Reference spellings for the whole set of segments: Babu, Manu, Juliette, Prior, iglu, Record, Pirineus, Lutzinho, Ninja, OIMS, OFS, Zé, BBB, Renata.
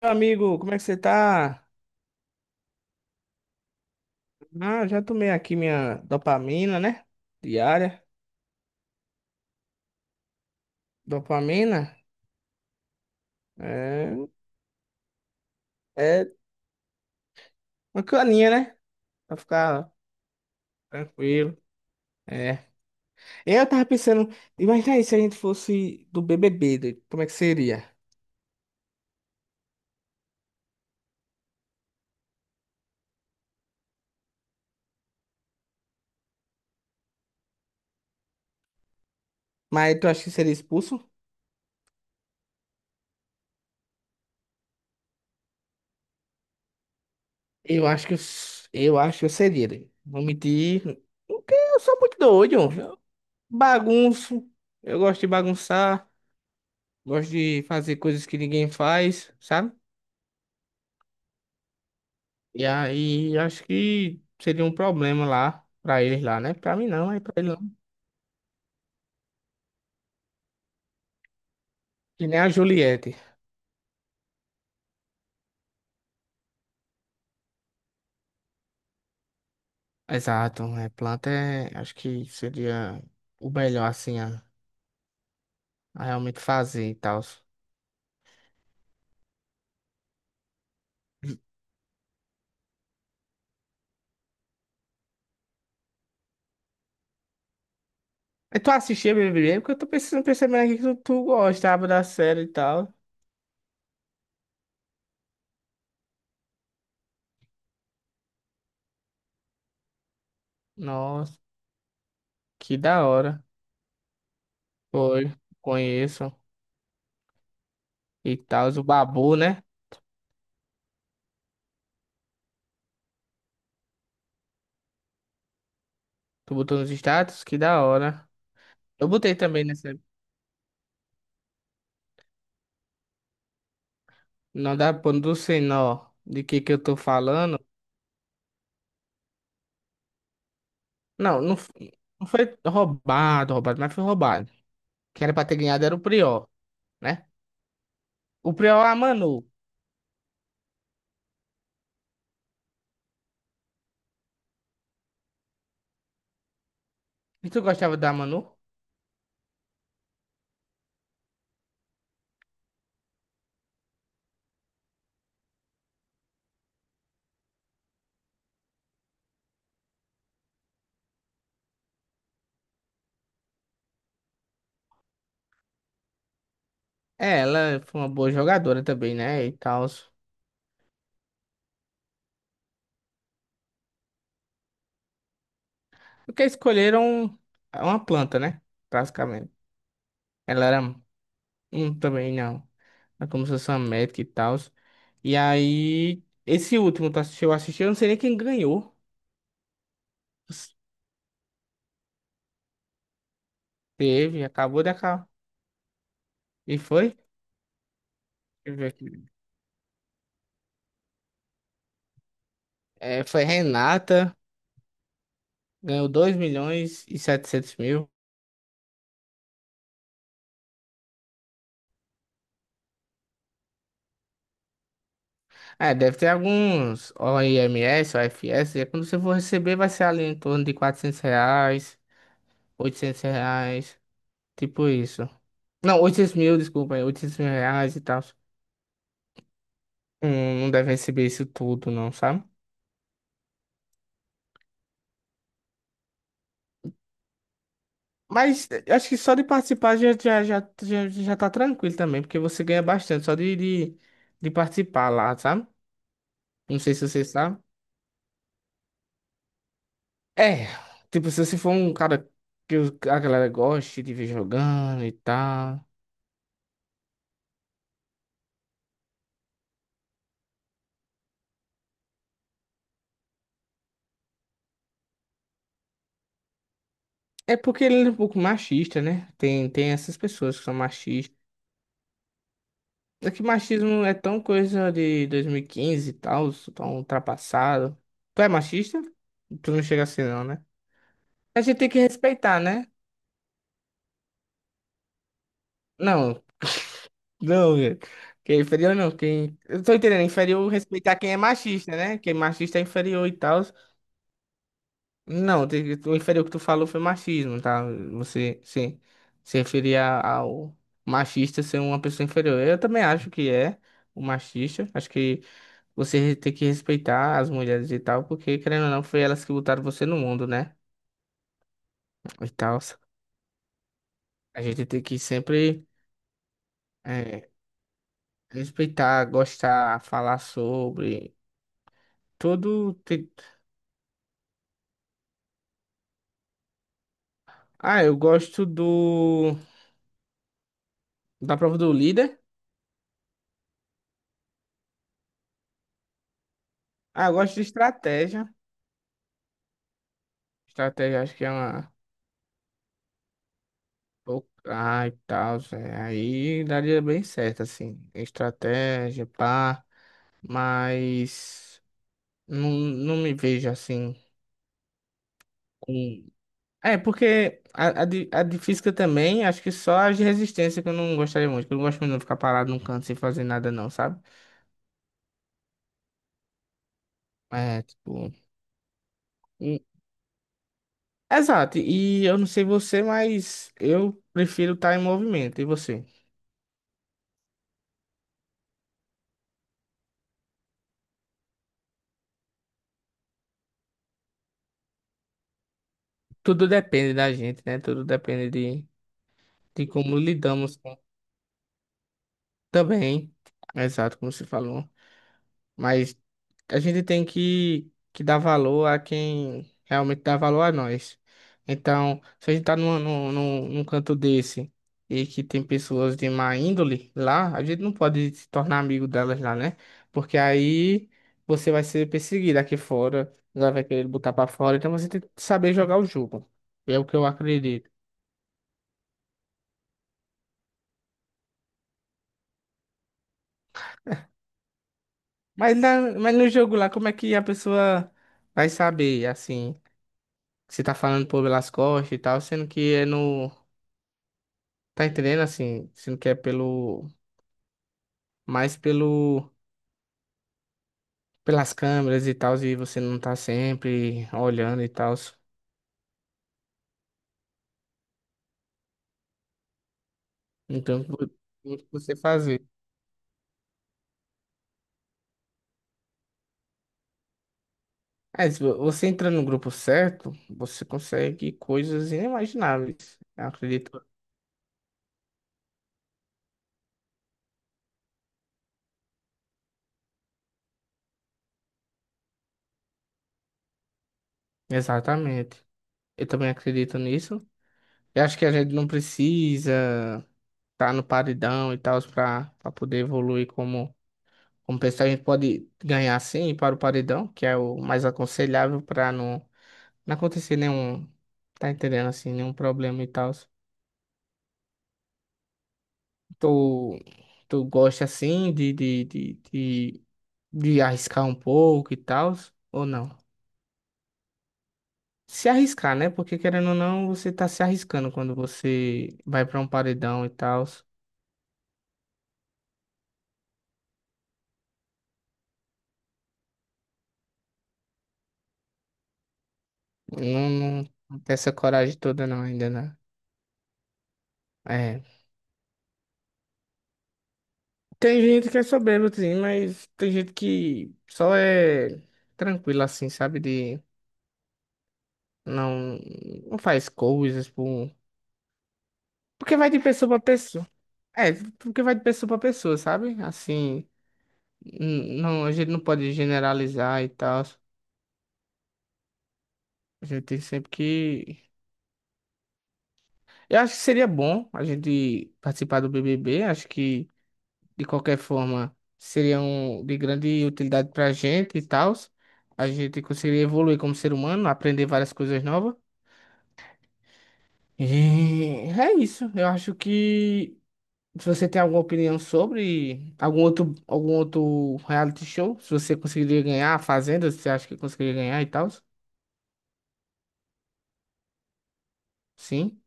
Meu amigo, como é que você tá? Ah, já tomei aqui minha dopamina, né? Diária. Dopamina é, é uma caninha, né? Pra ficar tranquilo. É. Eu tava pensando, imagina aí se a gente fosse do BBB, doido, como é que seria? Mas tu acha que seria expulso? Eu acho que eu seria, doido. Vou mentir, porque eu sou muito doido. Eu bagunço, eu gosto de bagunçar, gosto de fazer coisas que ninguém faz, sabe? E aí acho que seria um problema lá pra eles lá, né? Pra mim não, é pra eles não. E nem a Juliette. Exato, é planta é, acho que seria o melhor assim a realmente fazer e tal. Mas tu assistia BBB? Porque eu tô pensando, percebendo aqui que tu gostava da série e tal. Nossa, que da hora. Foi, conheço e tal, o Babu, né? Tu botou nos status? Que da hora. Eu botei também nessa, não dá pra não sei nó de que eu tô falando. Não, não, não foi roubado, roubado, mas foi roubado. Quem era pra ter ganhado era o Prior, né? O Prior, é a Manu. E tu gostava da Manu? É, ela foi uma boa jogadora também, né? E tal. Porque escolheram uma planta, né? Basicamente. Ela era um também, não. Ela começou a ser uma médica e tal. E aí, esse último, tu assistiu? Eu assisti, eu não sei nem quem ganhou. Teve, acabou de acabar. E foi? Deixa eu ver aqui. É, foi Renata. Ganhou 2.700.000. É, deve ter alguns OIMS, OFS. E quando você for receber, vai ser ali em torno de R$ 400, R$ 800. Tipo isso. Não, 800 mil, desculpa. Aí, 800 mil reais e tal. Não deve receber isso tudo, não, sabe? Mas acho que só de participar já tá tranquilo também. Porque você ganha bastante só de participar lá, sabe? Não sei se você sabe. É, tipo, se você for um cara que a galera goste de ver jogando e tal. É porque ele é um pouco machista, né? Tem essas pessoas que são machistas. É que machismo é tão coisa de 2015 e tal, tão ultrapassado. Tu é machista? Tu não chega assim, não, né? A gente tem que respeitar, né? Não, não, quem é inferior não, quem. Eu tô entendendo, inferior respeitar quem é machista, né? Quem é machista é inferior e tal. Não, eu o que tu falou foi machismo, tá? Você se referia ao machista ser uma pessoa inferior. Eu também acho que é o machista. Acho que você tem que respeitar as mulheres e tal, porque querendo ou não, foi elas que botaram você no mundo, né? E tal. A gente tem que sempre é, respeitar, gostar, falar sobre todo. Ah, eu gosto do da prova do líder. Ah, eu gosto de estratégia. Estratégia, acho que é uma. Ah, e tal, Zé. Aí daria bem certo, assim. Estratégia, pá. Mas não, não me vejo assim com. É, porque a de física também, acho que só as de resistência que eu não gostaria muito, que eu não gosto muito de ficar parado num canto sem fazer nada, não, sabe? É, tipo. e- Exato. E eu não sei você, mas eu prefiro estar em movimento. E você? Tudo depende da gente, né? Tudo depende de como lidamos. Também, exato, como você falou. Mas a gente tem que dar valor a quem realmente dá valor a nós. Então, se a gente tá num canto desse e que tem pessoas de má índole lá, a gente não pode se tornar amigo delas lá, né? Porque aí você vai ser perseguido aqui fora, ela vai querer botar pra fora. Então você tem que saber jogar o jogo. É o que eu acredito. Mas no jogo lá, como é que a pessoa vai saber, assim? Você tá falando por pelas costas e tal, sendo que é no. Tá entendendo assim? Sendo que é pelo. Mais pelo. Pelas câmeras e tal, e você não tá sempre olhando e tal. Então, o que você fazer? É, se você entra no grupo certo, você consegue coisas inimagináveis. Eu acredito. Exatamente. Eu também acredito nisso. Eu acho que a gente não precisa estar no paredão e tal para pra poder evoluir como. Como pensar, a gente pode ganhar sim para o paredão, que é o mais aconselhável para não, não acontecer nenhum, tá entendendo assim, nenhum problema e tal. Tu, tu gosta assim de arriscar um pouco e tal, ou não? Se arriscar, né? Porque querendo ou não, você tá se arriscando quando você vai para um paredão e tal. Não, não tem essa coragem toda não ainda, né? É. Tem gente que quer saber, Lutzinho, mas tem gente que só é tranquila assim, sabe? De não, não faz coisas por. Porque vai de pessoa pra pessoa. É, porque vai de pessoa pra pessoa, sabe? Assim, não, a gente não pode generalizar e tal. A gente tem sempre que. Eu acho que seria bom a gente participar do BBB. Acho que, de qualquer forma, seria um, de grande utilidade pra gente e tal. A gente conseguiria evoluir como ser humano, aprender várias coisas novas. E é isso. Eu acho que se você tem alguma opinião sobre algum outro reality show, se você conseguiria ganhar a Fazenda, se você acha que conseguiria ganhar e tal? Sim,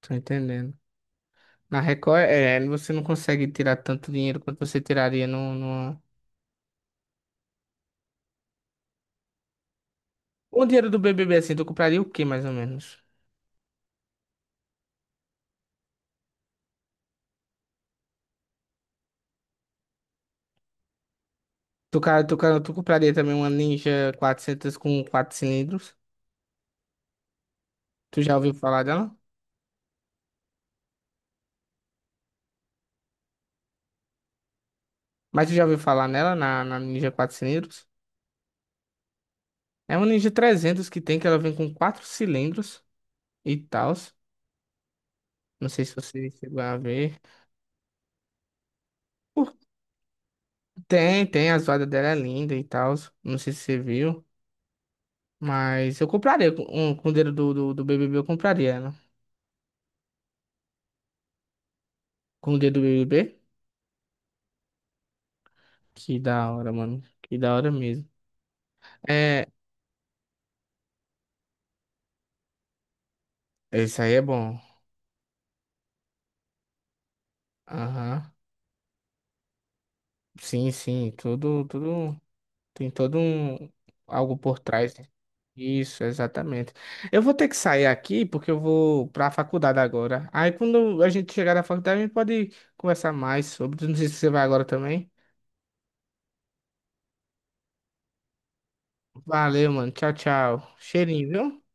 tô entendendo. Na Record, é, você não consegue tirar tanto dinheiro quanto você tiraria no... Com o dinheiro do BBB, assim, tu compraria o quê, mais ou menos? Tu compraria também uma Ninja 400 com 4 cilindros? Tu já ouviu falar dela? Mas tu já ouviu falar nela, na Ninja 4 cilindros? É uma Ninja 300 que tem, que ela vem com quatro cilindros e tal. Não sei se você chegou a ver. Por- tem, a zoada dela é linda e tal. Não sei se você viu. Mas eu compraria com o dedo do BBB, eu compraria ela. Com o dedo do BBB? Que da hora, mano. Que da hora mesmo. É, isso aí é bom. Aham. Sim, sim, tudo, tudo. Tem todo um algo por trás, né? Isso, exatamente. Eu vou ter que sair aqui porque eu vou para a faculdade agora. Aí quando a gente chegar na faculdade, a gente pode conversar mais sobre. Não sei se você vai agora também. Valeu, mano. Tchau, tchau. Cheirinho, viu?